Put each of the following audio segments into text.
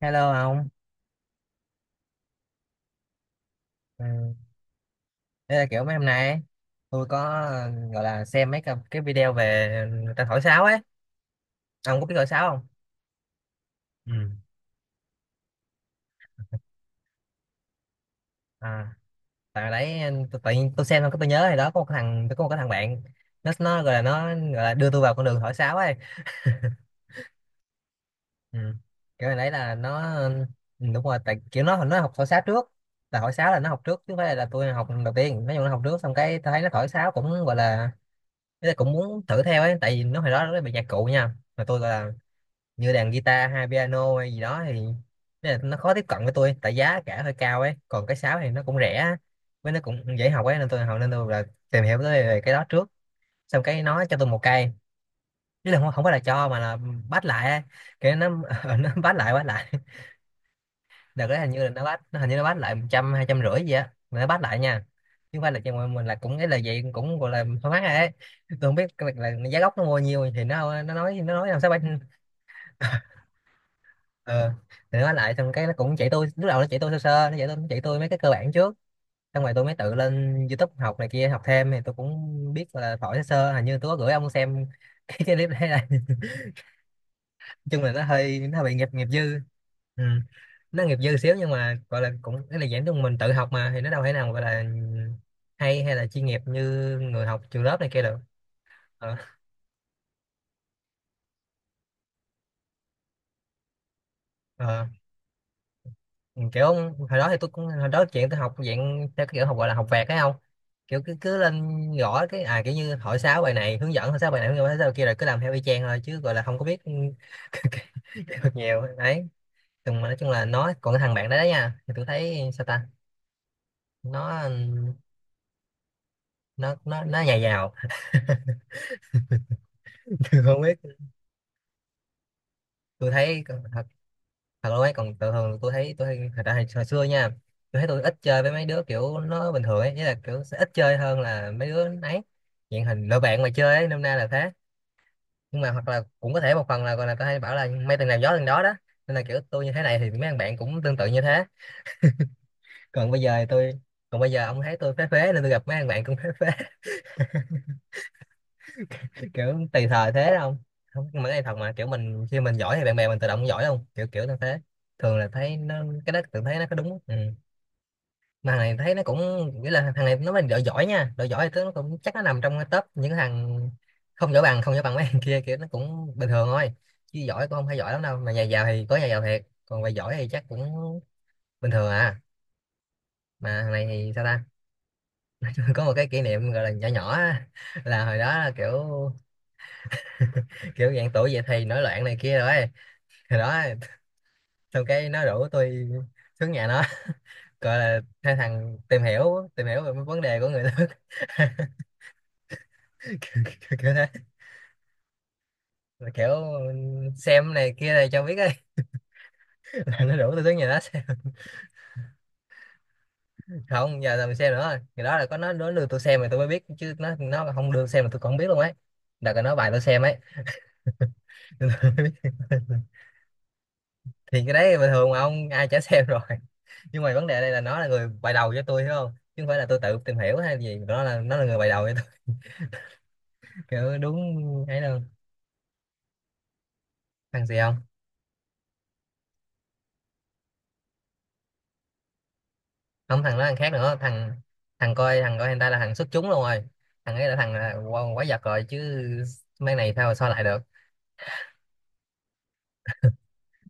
Hello ông, ừ. Đây là kiểu mấy hôm nay ấy, tôi có gọi là xem mấy cái video về người ta thổi sáo ấy, ông có biết thổi sáo không? Ừ. À, tại đấy tự nhiên tôi xem xong cái tôi nhớ thì đó có một cái thằng tôi có một cái thằng bạn nó gọi là đưa tôi vào con đường thổi sáo ấy, ừ. Kiểu này đấy là nó ừ, đúng rồi, tại kiểu nó học thổi sáo trước, là thổi sáo là nó học trước chứ không phải là tôi học đầu tiên, nói chung nó học trước xong cái tôi thấy nó thổi sáo cũng gọi là tôi cũng muốn thử theo ấy, tại vì nó hồi đó nó bị nhạc cụ nha, mà tôi gọi là như đàn guitar hay piano hay gì đó thì thế là nó khó tiếp cận với tôi tại giá cả hơi cao ấy còn cái sáo thì nó cũng rẻ á, với nó cũng dễ học ấy nên tôi học nên tôi là tìm hiểu tới về cái đó trước xong cái nó cho tôi một cây chứ là không phải là cho mà là bắt lại ấy. Cái nó nó bắt lại đợt đấy hình như là nó hình như bắt lại một trăm hai trăm rưỡi gì á mà nó bắt lại nha chứ không phải là cho mình là cũng cái là vậy cũng gọi là thoải mái ấy tôi không biết là giá gốc nó mua nhiêu thì nó nói làm sao bán. Ờ thì nó lại xong cái nó cũng chỉ tôi lúc đầu nó chỉ tôi sơ sơ nó chỉ tôi mấy cái cơ bản trước xong rồi tôi mới tự lên YouTube học này kia học thêm thì tôi cũng biết là phổi sơ sơ hình như tôi có gửi ông xem cái clip đấy là nói chung là nó hơi bị nghiệp nghiệp dư. Ừ. Nó nghiệp dư xíu nhưng mà gọi là cũng cái là giảng chung mình tự học mà thì nó đâu thể nào gọi là hay hay là chuyên nghiệp như người học trường lớp này kia được. Ờ, ờ. Ừ, kiểu hồi đó chuyện tôi học dạng theo cái kiểu học gọi là học vẹt thấy không kiểu cứ cứ lên gõ cái à kiểu như hỏi sáu bài này hướng dẫn hỏi sáu bài kia rồi cứ làm theo y chang thôi chứ gọi là không có biết cái- cái- cái được nhiều đấy nhưng mà nói chung là nó còn cái thằng bạn đấy đó nha thì tôi thấy sao ta. Nó nó nó nó nhà giàu. Tôi không biết. Tôi thấy thật luôn ấy còn thường thường tôi thấy thật ra hồi xưa nha tôi thấy tôi ít chơi với mấy đứa kiểu nó bình thường ấy nghĩa là kiểu sẽ ít chơi hơn là mấy đứa ấy hiện hình lựa bạn mà chơi ấy nôm na là thế nhưng mà hoặc là cũng có thể một phần là còn là tôi hay bảo là mấy thằng nào gió thằng đó đó nên là kiểu tôi như thế này thì mấy thằng bạn cũng tương tự như thế còn bây giờ thì tôi còn bây giờ ông thấy tôi phế phế nên tôi gặp mấy thằng bạn cũng phế phế. Kiểu tùy thời thế đó không. Không nhưng mà cái này thật mà kiểu mình khi mình giỏi thì bạn bè mình tự động giỏi không kiểu kiểu như thế thường là thấy nó cái đó tự thấy nó có đúng ừ. Mà thằng này thấy nó cũng nghĩa là thằng này nó mà đội giỏi nha đội giỏi thì nó cũng chắc nó nằm trong cái top những thằng không giỏi bằng mấy thằng kia kiểu nó cũng bình thường thôi chứ giỏi cũng không phải giỏi lắm đâu mà nhà giàu thì có nhà giàu thiệt còn về giỏi thì chắc cũng bình thường à. Mà thằng này thì sao ta. Có một cái kỷ niệm gọi là nhỏ nhỏ á, là hồi đó là kiểu kiểu dạng tuổi dậy thì nổi loạn này kia rồi hồi đó xong cái nó rủ tôi xuống nhà nó gọi là hai thằng tìm hiểu về mấy vấn đề của người lớn. kiểu, Kiểu thế. Mà kiểu xem này kia này cho biết ấy. Là nó rủ tôi tới nhà nó xem không giờ là mình xem nữa rồi ngày đó là có nó đưa tôi xem mà tôi mới biết chứ nó không đưa xem mà tôi còn không biết luôn ấy đợt là nó bài tôi xem ấy. Tôi mới biết. Thì cái đấy bình thường mà ông ai chả xem rồi. Nhưng mà vấn đề ở đây là nó là người bài đầu cho tôi hiểu không chứ không phải là tôi tự tìm hiểu hay gì nó là người bài đầu cho tôi. Kiểu đúng ấy đâu. Thằng gì không. Không thằng đó thằng khác nữa thằng thằng coi hentai là thằng xuất chúng luôn rồi. Thằng ấy là thằng là quá giật rồi chứ mấy này sao sao lại được.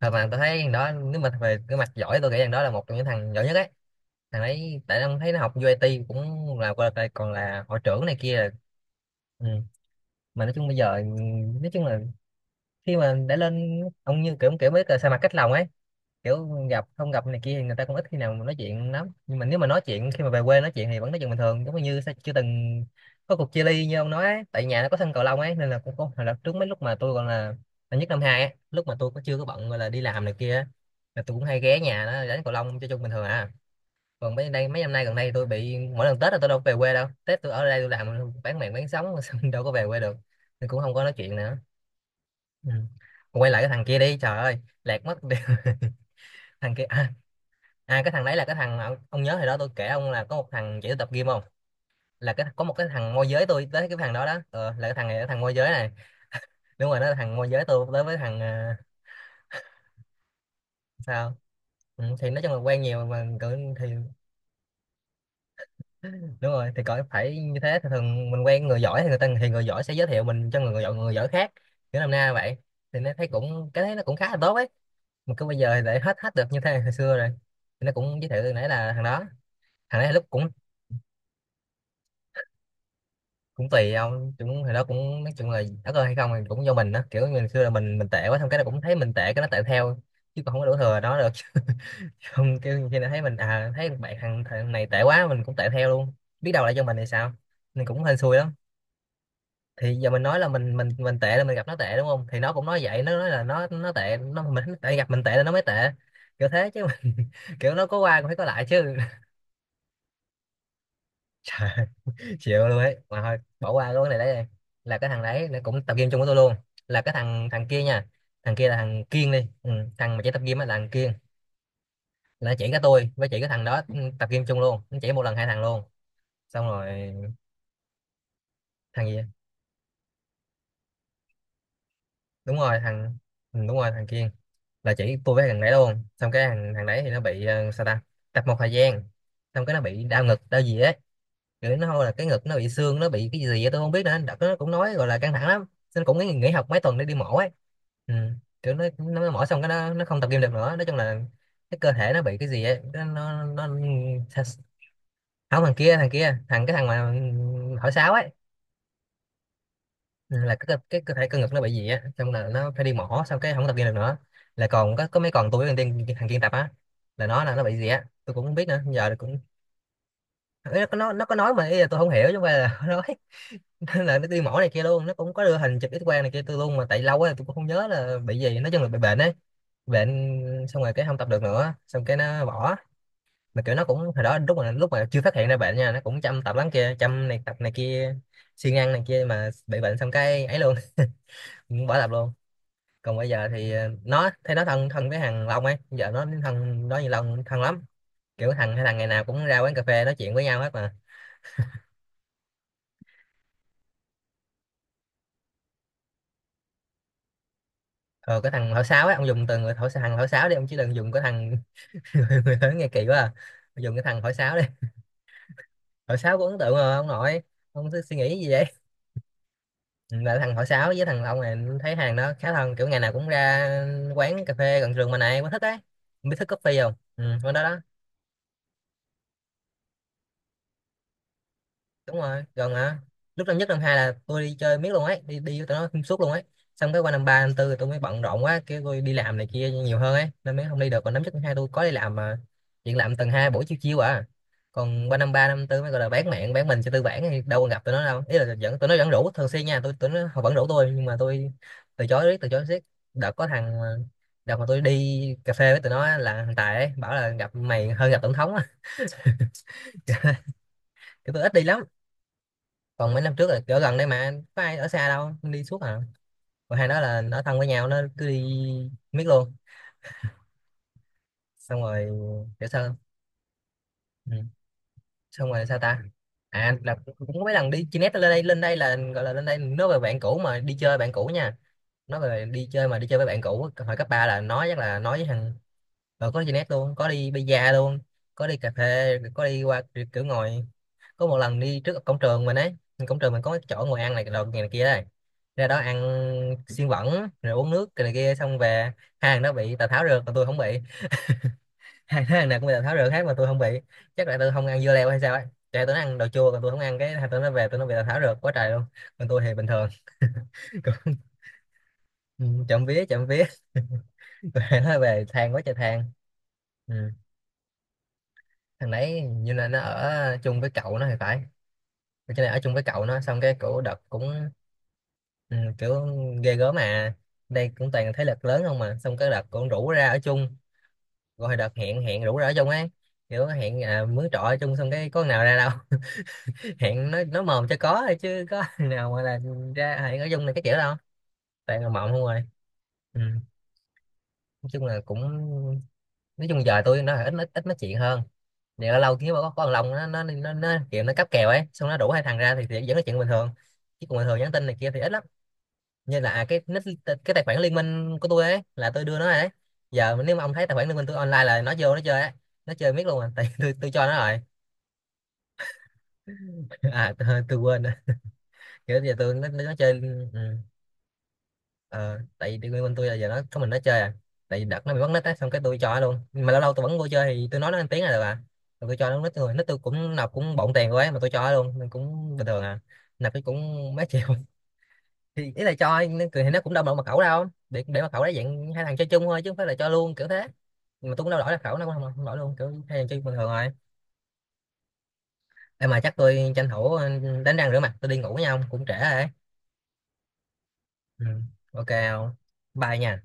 Thật mà tôi thấy thằng đó nếu mà về cái mặt giỏi tôi nghĩ thằng đó là một trong những thằng giỏi nhất ấy thằng ấy tại ông thấy nó học UIT cũng là qua đây còn là hội trưởng này kia là-. Ừ. Mà nói chung bây giờ nói chung là khi mà đã lên ông như kiểu kiểu mới là sa mặt cách lòng ấy kiểu gặp không gặp này kia thì người ta cũng ít khi nào mà nói chuyện lắm nhưng mà nếu mà nói chuyện khi mà về quê nói chuyện thì vẫn nói chuyện bình thường giống như sẽ chưa từng có cuộc chia ly như ông nói ấy. Tại nhà nó có sân cầu lông ấy nên là cũng có hồi là trước mấy lúc mà tôi còn là năm nhất năm hai ấy, lúc mà tôi chưa có bận gọi là đi làm này kia á, là tôi cũng hay ghé nhà nó đánh cầu lông cho chung bình thường à còn mấy năm nay gần đây tôi bị mỗi lần Tết là tôi đâu có về quê đâu Tết tôi ở đây tôi làm bán mạng bán sống xong đâu có về quê được nên cũng không có nói chuyện nữa. Ừ. Quay lại cái thằng kia đi trời ơi lạc mất. Thằng kia à, à cái thằng đấy là cái thằng mà ông nhớ hồi đó tôi kể ông là có một thằng chỉ tôi tập gym không là có một cái thằng môi giới tôi tới cái thằng đó đó ờ, là cái thằng này cái thằng môi giới này đúng rồi nó là thằng môi giới tôi tới với thằng à, sao ừ, thì nói chung là quen nhiều mà cỡ thì đúng rồi thì cỡ phải như thế thì thường mình quen người giỏi thì người ta thì người giỏi sẽ giới thiệu mình cho người giỏi khác kiểu làm na vậy thì nó thấy cũng cái thấy nó cũng khá là tốt ấy mà cứ bây giờ thì để hết hết được như thế này hồi xưa rồi thì nó cũng giới thiệu nãy là thằng đó thằng đấy lúc cũng cũng tùy ông cũng thì đó cũng nói chung là đất ơi hay không thì cũng do mình đó kiểu mình xưa là mình tệ quá xong cái nó cũng thấy mình tệ cái nó tệ theo chứ còn không có đổ thừa nó được. Không kêu khi nó thấy mình à thấy bạn thằng này tệ quá mình cũng tệ theo luôn biết đâu lại cho mình thì sao nên cũng hên xui lắm thì giờ mình nói là mình tệ là mình gặp nó tệ đúng không thì nó cũng nói vậy nó nói là nó tệ nó mình tại gặp mình tệ là nó mới tệ kiểu thế chứ mình, kiểu nó có qua cũng phải có lại chứ. Trời chịu luôn ấy mà thôi bỏ qua luôn cái này đấy đi là cái thằng đấy nó cũng tập game chung với tôi luôn là cái thằng thằng kia nha thằng kia là thằng Kiên đi ừ, thằng mà chỉ tập game á là thằng Kiên là nó chỉ cái tôi với chỉ cái thằng đó ừ, tập game chung luôn nó chỉ một lần hai thằng luôn. Xong rồi thằng gì? Đúng rồi thằng. Đúng rồi thằng Kiên. Là chỉ tôi với thằng đấy luôn, xong cái thằng đấy thì nó bị sao ta, tập một thời gian xong cái nó bị đau ngực đau gì ấy, rồi đến hồi là cái ngực nó bị xương nó bị cái gì vậy, tôi không biết nữa. Đợt đó nó cũng nói gọi là căng thẳng lắm nên cũng nghỉ học mấy tuần để đi mổ ấy. Ừ. Kiểu nó mổ xong cái nó không tập gym được nữa, nói chung là cái cơ thể nó bị cái gì ấy, nó... Không, thằng kia cái thằng mà hỏi sáo ấy. Ừ, là cái, cái cơ thể cơ ngực nó bị gì á, xong là nó phải đi mổ xong cái không tập gym được nữa. Là còn có mấy, còn tôi với thằng kia tập á. Là nó bị gì á tôi cũng không biết nữa giờ cũng... Ý là nó có nói mà ý là tôi không hiểu chứ không phải là nó nói. Là nó đi mổ này kia luôn, nó cũng có đưa hình chụp X quang này kia tôi luôn, mà tại lâu quá tôi cũng không nhớ là bị gì, nói chung là bị bệnh ấy. Bệnh. Xong rồi cái không tập được nữa, xong cái nó bỏ. Mà kiểu nó cũng hồi đó lúc mà chưa phát hiện ra bệnh nha, nó cũng chăm tập lắm kia, chăm này tập này kia, siêng ăn này kia mà bị bệnh xong cái ấy luôn. Cũng bỏ tập luôn. Còn bây giờ thì nó thấy nó thân thân với thằng Long ấy, giờ nó thân đó như Long thân lắm. Kiểu hai thằng ngày nào cũng ra quán cà phê nói chuyện với nhau hết mà. Ờ, cái thằng thổi sáo ấy, ông dùng từ người thổi thằng thổi sáo đi ông, chứ đừng dùng cái thằng người lớn nghe kỳ quá à. Bây giờ dùng cái thằng hỏi sáo đi. Hỏi sáo có ấn tượng rồi, ông nội. Ông cứ suy nghĩ gì vậy? Ừ, là thằng hỏi sáo với thằng ông này thấy hàng đó khá thân, kiểu ngày nào cũng ra quán cà phê gần trường mà này, có thích đấy. Không biết thích coffee không, quán đó đó. Đúng rồi, gần mà. Lúc năm nhất năm hai là tôi đi chơi miết luôn ấy, đi đi với tụi nó xuyên suốt luôn ấy. Xong cái qua năm ba năm tư tôi mới bận rộn quá, kêu tôi đi làm này kia nhiều hơn ấy nên mới không đi được, còn năm nhất năm hai tôi có đi làm mà chuyện làm tuần hai buổi chiều chiều à. Còn qua năm ba năm tư mới gọi là bán mạng bán mình cho tư bản thì đâu còn gặp tụi nó đâu, ý là vẫn tụi nó vẫn rủ thường xuyên nha, tôi tụi nó họ vẫn rủ tôi nhưng mà tôi từ chối riết từ chối riết. đợt có thằng mà- Đợt mà tôi đi cà phê với tụi nó á, là thằng Tài ấy bảo là gặp mày hơn gặp tổng thống á. Cái tôi ít đi lắm. Còn mấy năm trước là ở gần đây mà có ai ở xa đâu, đi suốt à. Còn hai đó là nó thân với nhau nó cứ đi miết luôn. Xong rồi. Kiểu sao. Ừ. Xong rồi sao ta. À là cũng có mấy lần đi chi nét, lên đây là gọi là lên đây nói về bạn cũ mà đi chơi bạn cũ nha, nói về đi chơi mà đi chơi với bạn cũ hồi cấp ba, là nói chắc là nói với thằng. Ờ, có đi net luôn, có đi bida luôn, có đi cà phê, có đi qua kiểu kiểu ngồi. Có một lần đi trước cổng trường mình ấy, cổng trường mình có cái chỗ ngồi ăn này đồ này, này kia đây, ra đó ăn xiên bẩn rồi uống nước cái này kia xong về. Hai thằng đó bị tào tháo rượt mà tôi không bị. Hai thằng này cũng bị tào tháo rượt hết mà tôi không bị. Chắc là tôi không ăn dưa leo hay sao ấy. Chạy tụi nó ăn đồ chua còn tôi không ăn, cái hai tụi nó về tụi nó bị tào tháo rượt quá trời luôn, còn tôi thì bình thường. Ừ, trộm vía trộm vía. Rồi nó về than quá trời than. Ừ. Thằng đấy như là nó ở chung với cậu nó thì phải, cái này ở chung với cậu nó, xong cái cổ đợt cũng... Ừ, kiểu ghê gớm mà, đây cũng toàn thế lực lớn không, mà xong cái đợt cũng rủ ra ở chung. Rồi đợt hẹn hẹn rủ ra ở chung ấy, kiểu hẹn mướn trọ ở chung xong cái có nào ra đâu. Hẹn nó mồm cho có thôi chứ có nào mà là ra hẹn ở chung này cái kiểu đâu, toàn là mộng không rồi. Ừ. Nói chung là cũng, nói chung giờ tôi nó ít ít ít nói chuyện hơn, thì ở lâu kiếm có con lòng nó nó kiểu nó cáp kèo ấy, xong nó đủ hai thằng ra thì vẫn nói chuyện bình thường, chứ còn bình thường nhắn tin này kia thì ít lắm. Như là cái nick cái tài khoản liên minh của tôi ấy là tôi đưa nó rồi đấy. Giờ nếu mà ông thấy tài khoản liên minh tôi online là nó vô nó chơi ấy, nó chơi miết luôn à. Tại tôi cho nó rồi. À tôi quên rồi. Kiểu giờ nó chơi. Ừ. Ờ, tại vì bên tôi là giờ nó có mình nó chơi à, tại vì đợt nó bị mất nít á xong cái tôi cho nó luôn, nhưng mà lâu lâu tôi vẫn vô chơi thì tôi nói nó ăn tiếng là được à. Rồi tôi cho nó nít, tôi nít tôi cũng nạp cũng bộn tiền quá mà tôi cho nó luôn nên cũng bình thường à. Nạp cái cũng mấy triệu. Thì ý là cho nó cười thì nó cũng đâu mà mật khẩu, đâu để mật khẩu đấy, dạng hai thằng chơi chung thôi chứ không phải là cho luôn kiểu thế. Nhưng mà tôi cũng đâu đổi mật khẩu, nó cũng không đổi luôn, kiểu hai thằng chơi bình thường rồi. Em mà chắc tôi tranh thủ đánh răng rửa mặt tôi đi ngủ với nhau cũng trễ rồi đấy. Ừ. Ok không, bye nha.